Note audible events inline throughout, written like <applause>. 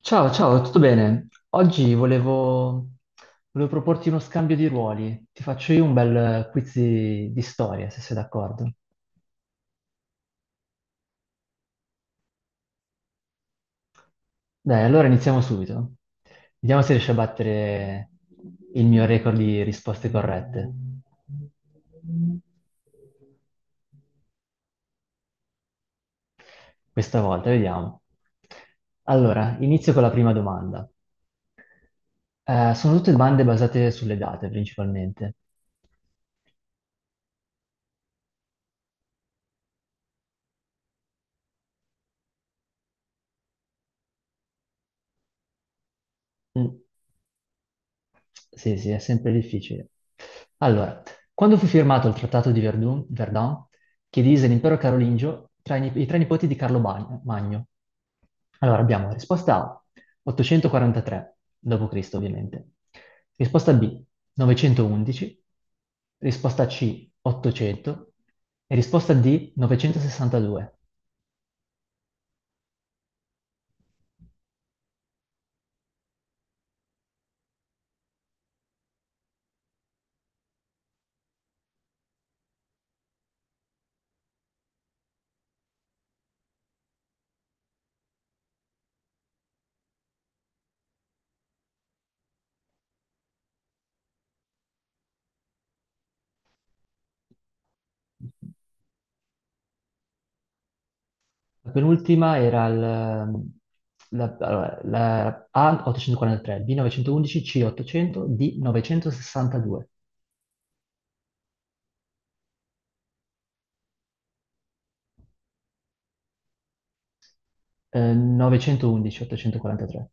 Ciao, ciao, tutto bene? Oggi volevo proporti uno scambio di ruoli. Ti faccio io un bel quiz di storia, se sei d'accordo. Dai, allora iniziamo subito. Vediamo se riesci a battere il mio record di risposte corrette. Questa volta, vediamo. Allora, inizio con la prima domanda. Sono tutte domande basate sulle date, principalmente. Mm. Sì, sì, è sempre difficile. Allora, quando fu firmato il Trattato di Verdun, che divise l'impero carolingio tra i tre nipoti di Carlo Magno? Allora, abbiamo risposta A, 843 d.C., ovviamente. Risposta B, 911. Risposta C, 800. E risposta D, 962. La penultima era la A843, B911, C800, D962, 911, 843.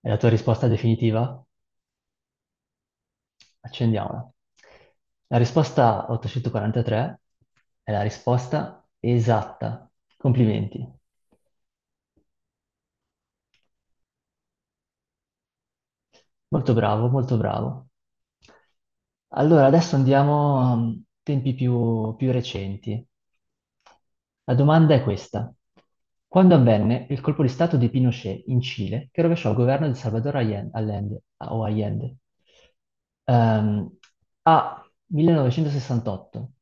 È la tua risposta definitiva? Accendiamola. La risposta 843 è la risposta esatta. Complimenti. Molto bravo, molto bravo. Allora, adesso andiamo a tempi più recenti. La domanda è questa. Quando avvenne il colpo di stato di Pinochet in Cile, che rovesciò il governo di Salvador Allende, o Allende? Ehm, A. 1968,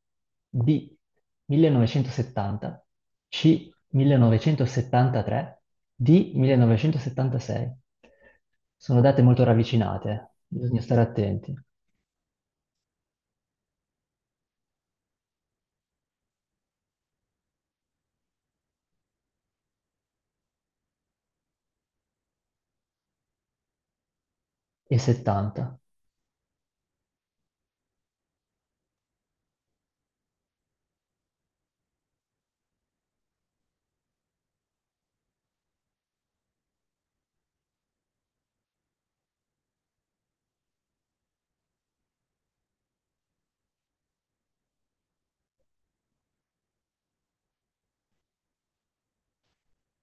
B. 1970, C. 1973 di 1976. Sono date molto ravvicinate, bisogna stare attenti. E 70.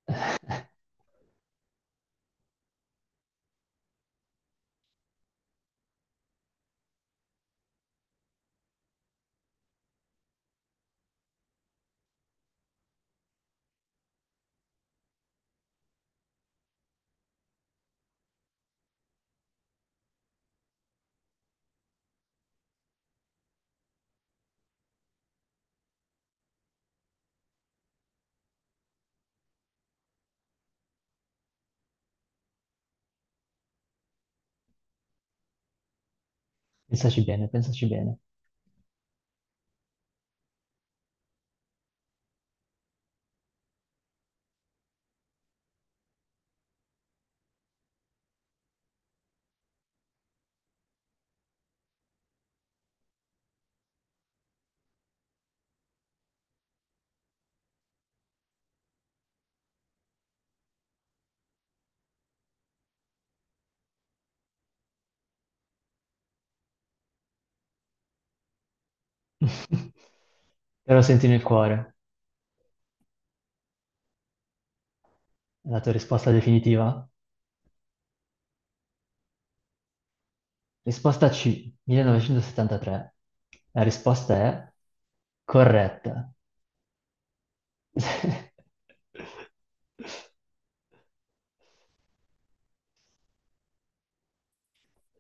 <laughs> Pensaci bene, pensaci bene. <laughs> Però senti nel cuore la tua risposta definitiva. Risposta C, 1973. La risposta è corretta. <laughs>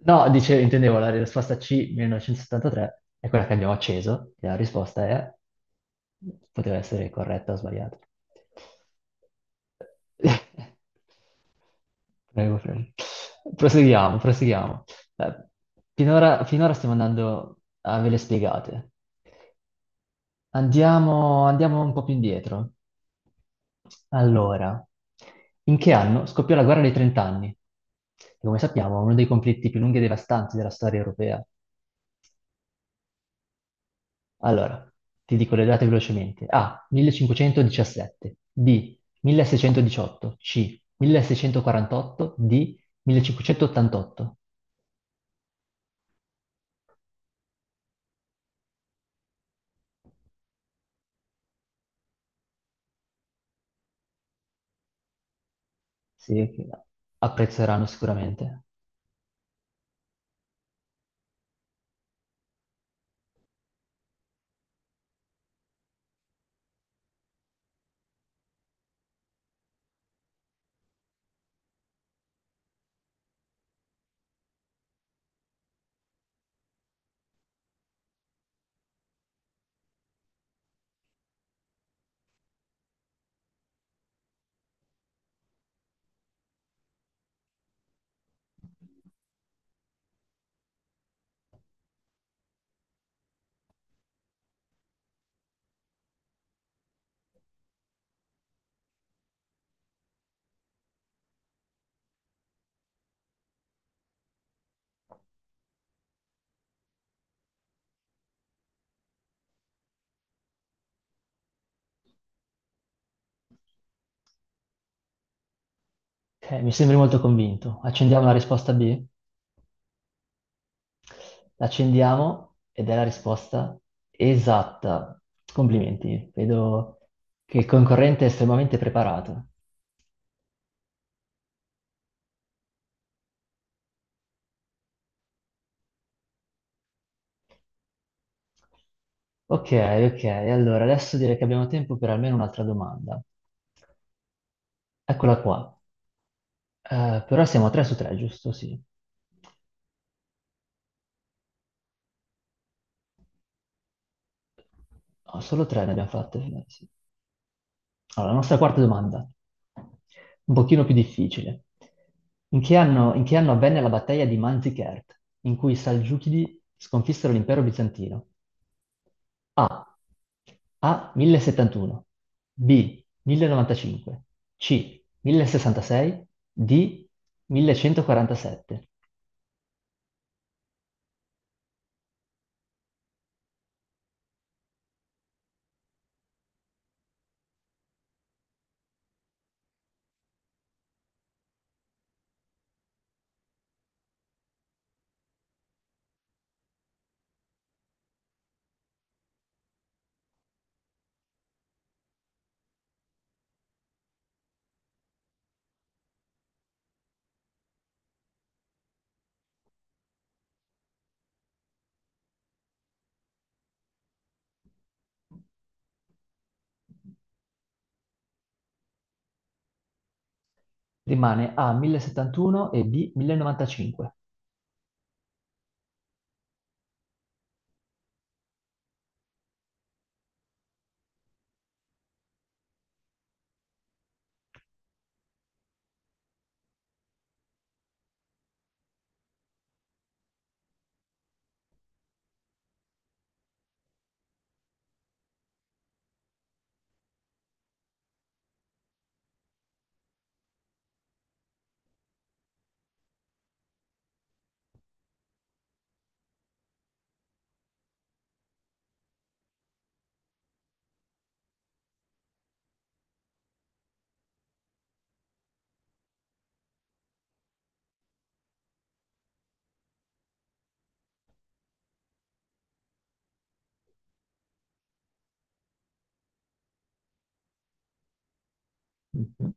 No, dice, intendevo la risposta C, 1973, è quella che abbiamo acceso, e la risposta è poteva essere corretta o sbagliata. <laughs> Prego, prego. Proseguiamo, proseguiamo. Eh, finora stiamo andando a ve le spiegate. Andiamo, andiamo un po' più indietro. Allora, in che anno scoppiò la guerra dei trent'anni? Che come sappiamo è uno dei conflitti più lunghi e devastanti della storia europea. Allora, ti dico le date velocemente. A. 1517. B. 1618. C. 1648. D. 1588. Sì, che apprezzeranno sicuramente. Ok, mi sembri molto convinto. Accendiamo la risposta B? L'accendiamo ed è la risposta esatta. Complimenti, vedo che il concorrente è estremamente preparato. Ok, ok, allora adesso direi che abbiamo tempo per almeno un'altra domanda. Eccola qua. Però siamo a 3 su 3, giusto? Sì. No, solo 3 ne abbiamo fatte. Sì. Allora, la nostra quarta domanda, un pochino più difficile. In che anno avvenne la battaglia di Manzikert, in cui i Salgiuchidi sconfissero l'impero bizantino? A. A. 1071. B. 1095. C. 1066. D. 1147. Rimane A. 1071 e B. 1095. Mhm.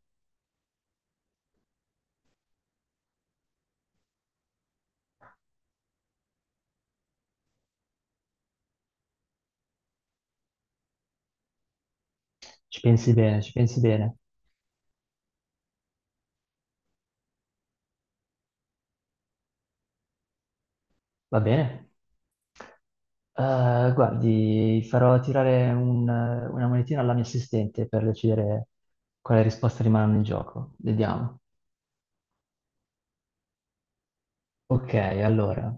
Ci pensi bene, ci pensi bene. Va bene? Guardi, farò tirare una monetina alla mia assistente per decidere quale risposta rimane in gioco. Vediamo. Ok, allora.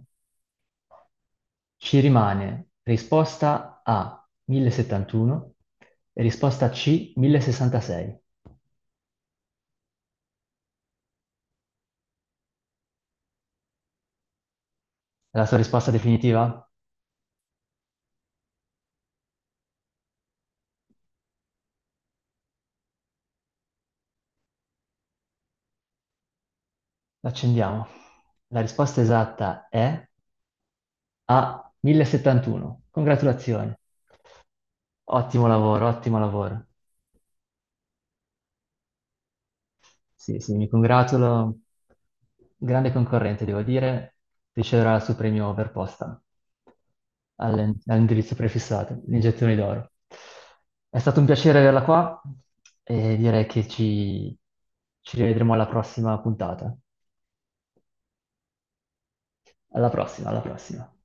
Ci rimane risposta A 1071 e risposta C 1066. È la sua risposta definitiva? L'accendiamo. La risposta esatta è A 1071. Congratulazioni. Ottimo lavoro, ottimo lavoro. Sì, sì, mi congratulo. Grande concorrente, devo dire, riceverà il suo premio per posta. All'indirizzo prefissato, l'iniezione d'oro. È stato un piacere averla qua e direi che ci rivedremo alla prossima puntata. Alla prossima, alla prossima.